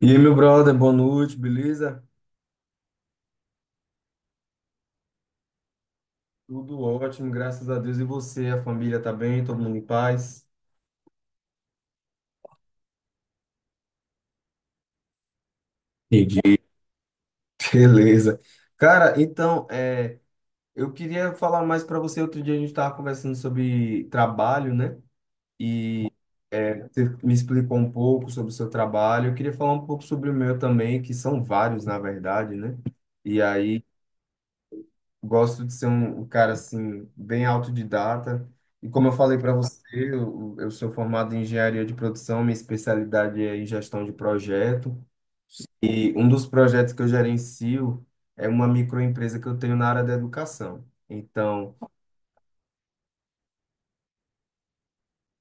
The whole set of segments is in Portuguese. E aí, meu brother, boa noite, beleza? Tudo ótimo, graças a Deus. E você, a família tá bem, todo mundo em paz? Entendi. Beleza. Cara, então, eu queria falar mais para você. Outro dia a gente estava conversando sobre trabalho, né? E você me explicou um pouco sobre o seu trabalho. Eu queria falar um pouco sobre o meu também, que são vários, na verdade, né? E aí gosto de ser um cara assim bem autodidata. E como eu falei para você, eu sou formado em engenharia de produção, minha especialidade é em gestão de projeto. E um dos projetos que eu gerencio é uma microempresa que eu tenho na área da educação. Então,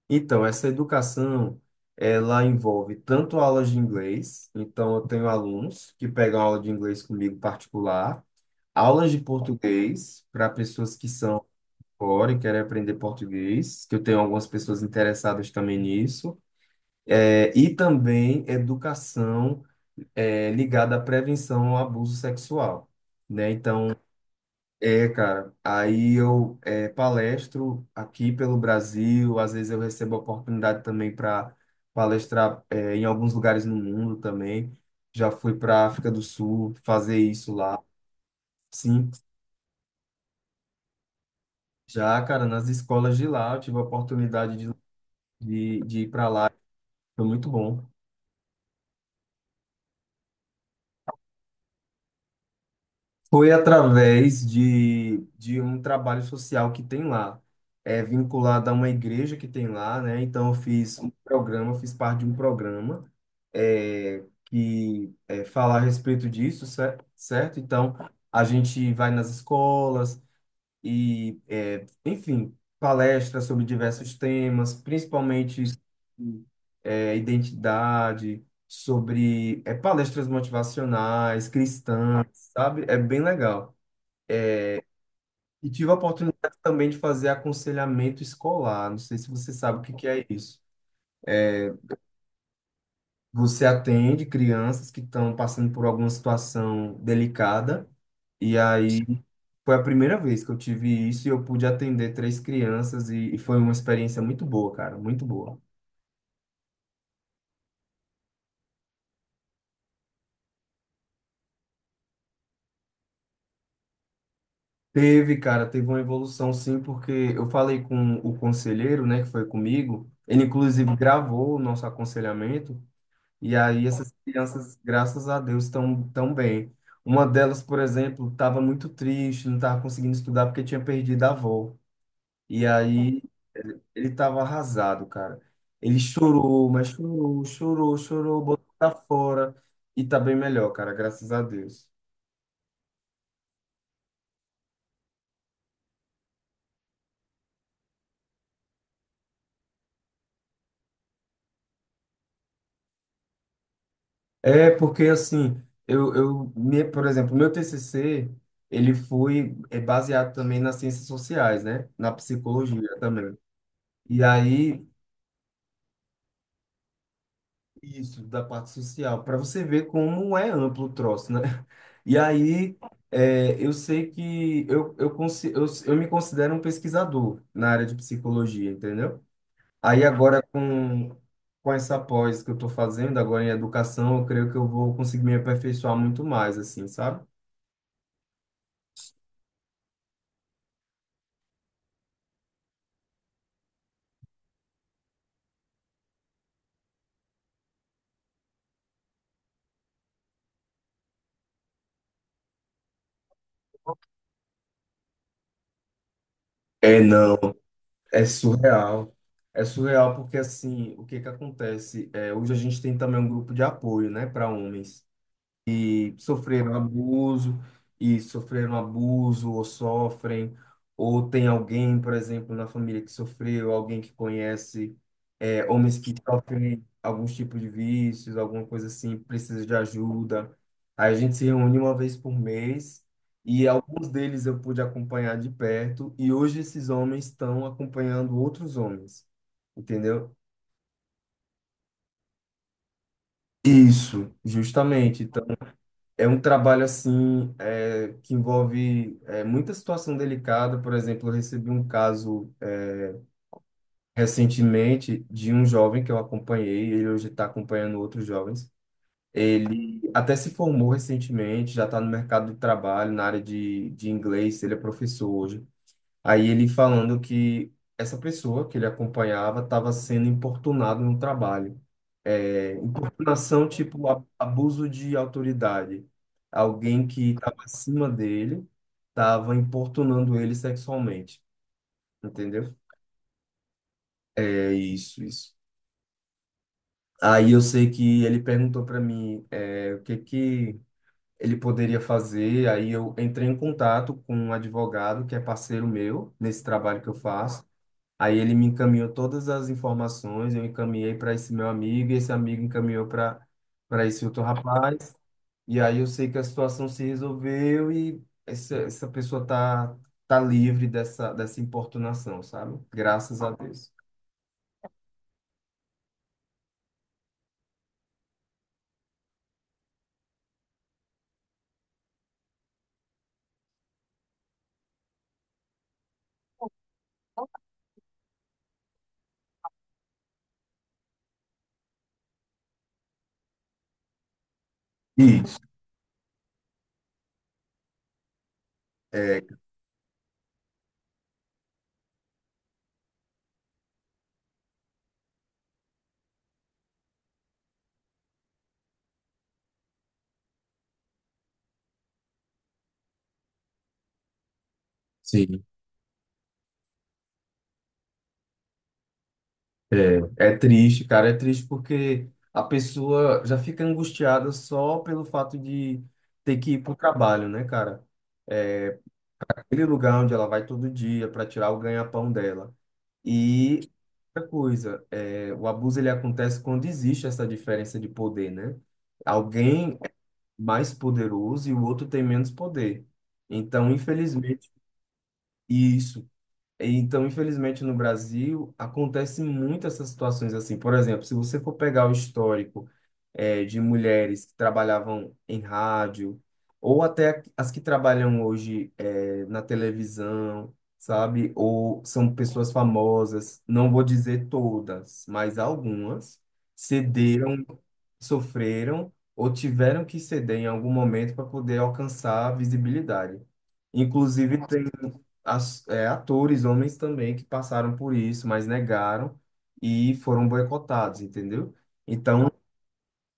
então essa educação ela envolve tanto aulas de inglês, então eu tenho alunos que pegam aula de inglês comigo particular, aulas de português para pessoas que são fora, quero aprender português, que eu tenho algumas pessoas interessadas também nisso. É, e também educação ligada à prevenção ao abuso sexual, né? Então, cara, aí eu palestro aqui pelo Brasil, às vezes eu recebo a oportunidade também para palestrar em alguns lugares no mundo também. Já fui para África do Sul fazer isso lá. Sim, já, cara, nas escolas de lá eu tive a oportunidade de ir para lá. Foi muito bom. Foi através de um trabalho social que tem lá, é vinculado a uma igreja que tem lá, né? Então, eu fiz um programa, fiz parte de um programa que é, fala a respeito disso, certo? Então, a gente vai nas escolas, e, enfim, palestras sobre diversos temas, principalmente sobre, identidade, sobre palestras motivacionais, cristãs, sabe? É bem legal. E tive a oportunidade também de fazer aconselhamento escolar. Não sei se você sabe o que que é isso. Você atende crianças que estão passando por alguma situação delicada, e aí. Foi a primeira vez que eu tive isso e eu pude atender três crianças e foi uma experiência muito boa, cara, muito boa. Teve, cara, teve uma evolução sim, porque eu falei com o conselheiro, né, que foi comigo, ele inclusive gravou o nosso aconselhamento e aí essas crianças, graças a Deus, estão tão bem. Uma delas, por exemplo, estava muito triste, não estava conseguindo estudar porque tinha perdido a avó. E aí, ele tava arrasado, cara. Ele chorou, mas chorou, chorou, chorou, botou pra fora. E tá bem melhor, cara, graças a Deus. É, porque assim, por exemplo, meu TCC, ele foi baseado também nas ciências sociais, né? Na psicologia também. E aí, isso, da parte social, para você ver como é amplo o troço, né? E aí, eu sei que eu me considero um pesquisador na área de psicologia, entendeu? Aí agora com essa pós que eu estou fazendo agora em educação, eu creio que eu vou conseguir me aperfeiçoar muito mais, assim, sabe? É, não, é surreal. É surreal porque, assim, o que que acontece? É, hoje a gente tem também um grupo de apoio, né, para homens, sofreram abuso e sofreram abuso ou sofrem, ou tem alguém, por exemplo, na família que sofreu, alguém que conhece homens que sofrem alguns tipos de vícios, alguma coisa assim, precisa de ajuda. Aí a gente se reúne uma vez por mês e alguns deles eu pude acompanhar de perto e hoje esses homens estão acompanhando outros homens, entendeu? Isso, justamente. É um trabalho assim que envolve muita situação delicada. Por exemplo, eu recebi um caso recentemente de um jovem que eu acompanhei. Ele hoje está acompanhando outros jovens. Ele até se formou recentemente, já está no mercado de trabalho, na área de inglês. Ele é professor hoje. Aí ele falando que essa pessoa que ele acompanhava estava sendo importunado no trabalho. É, importunação tipo abuso de autoridade. Alguém que estava acima dele estava importunando ele sexualmente, entendeu? É isso, isso. Aí eu sei que ele perguntou para mim o que que ele poderia fazer. Aí eu entrei em contato com um advogado que é parceiro meu nesse trabalho que eu faço. Aí ele me encaminhou todas as informações, eu encaminhei para esse meu amigo, e esse amigo encaminhou para esse outro rapaz. E aí eu sei que a situação se resolveu e essa pessoa tá livre dessa importunação, sabe? Graças a Deus. Isso. É, sim. É, é triste, cara, é triste porque a pessoa já fica angustiada só pelo fato de ter que ir para o trabalho, né, cara? É, aquele lugar onde ela vai todo dia para tirar o ganha-pão dela. E outra coisa, o abuso ele acontece quando existe essa diferença de poder, né? Alguém é mais poderoso e o outro tem menos poder. Então, infelizmente, isso. Então, infelizmente, no Brasil, acontece muito essas situações assim. Por exemplo, se você for pegar o histórico de mulheres que trabalhavam em rádio, ou até as que trabalham hoje na televisão, sabe? Ou são pessoas famosas, não vou dizer todas, mas algumas cederam, sofreram ou tiveram que ceder em algum momento para poder alcançar a visibilidade. Inclusive, atores, homens também, que passaram por isso, mas negaram e foram boicotados, entendeu? Então,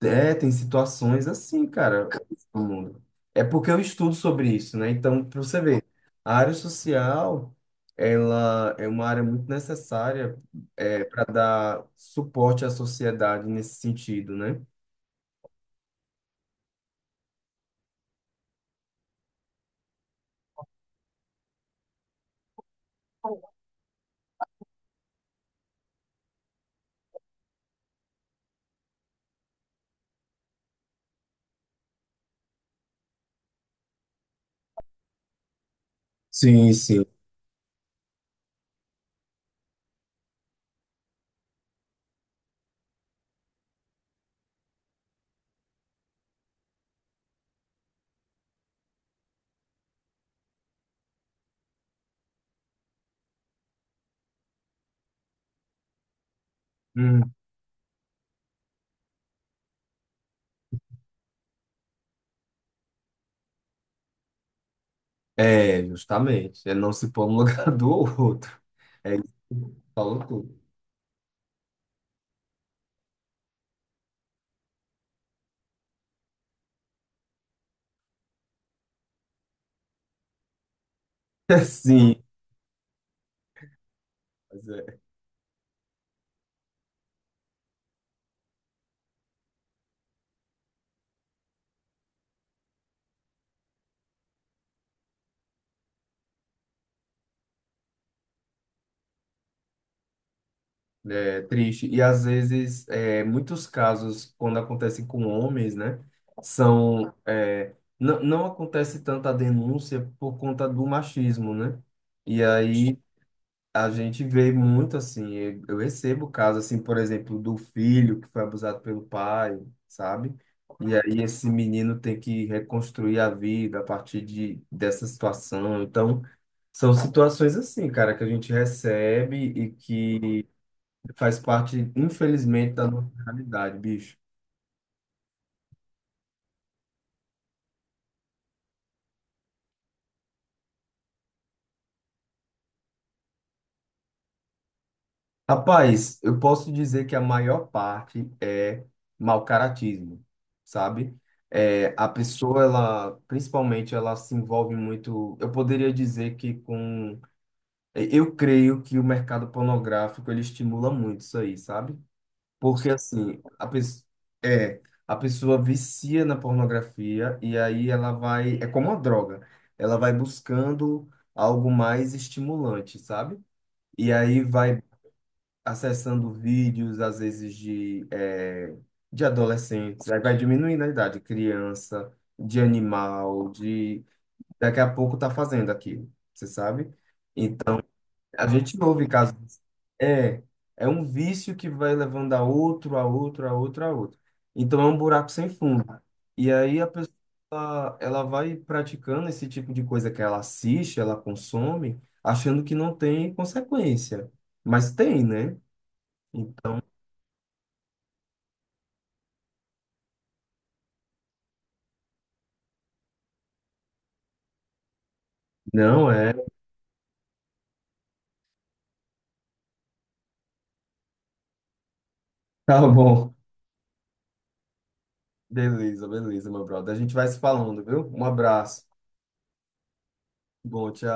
tem situações assim, cara, no mundo. É porque eu estudo sobre isso, né? Então, para você ver, a área social, ela é uma área muito necessária para dar suporte à sociedade nesse sentido, né? Sim, sim. Hum. É, justamente. É não se pôr no lugar do outro. Falou tudo. Sim. É triste. E às vezes, muitos casos, quando acontecem com homens, né, são. É, não, não acontece tanta denúncia por conta do machismo, né? E aí a gente vê muito assim. Eu recebo casos, assim, por exemplo, do filho que foi abusado pelo pai, sabe? E aí esse menino tem que reconstruir a vida a partir dessa situação. Então, são situações assim, cara, que a gente recebe e que faz parte, infelizmente, da nossa realidade, bicho. Rapaz, eu posso dizer que a maior parte é mau caratismo, sabe? É, a pessoa, ela, principalmente, ela se envolve muito. Eu poderia dizer que com. Eu creio que o mercado pornográfico ele estimula muito isso aí, sabe? Porque assim, é, a pessoa vicia na pornografia e aí ela vai, é como uma droga, ela vai buscando algo mais estimulante, sabe? E aí vai acessando vídeos, às vezes, de adolescentes, aí vai diminuindo a idade, criança, de animal, de. Daqui a pouco tá fazendo aquilo, você sabe? A gente ouve casos. É, é um vício que vai levando a outro, a outro, a outro, a outro. Então é um buraco sem fundo. E aí a pessoa, ela vai praticando esse tipo de coisa que ela assiste, ela consome, achando que não tem consequência. Mas tem, né? Então, não é. Tá bom. Beleza, beleza, meu brother. A gente vai se falando, viu? Um abraço. Bom, tchau.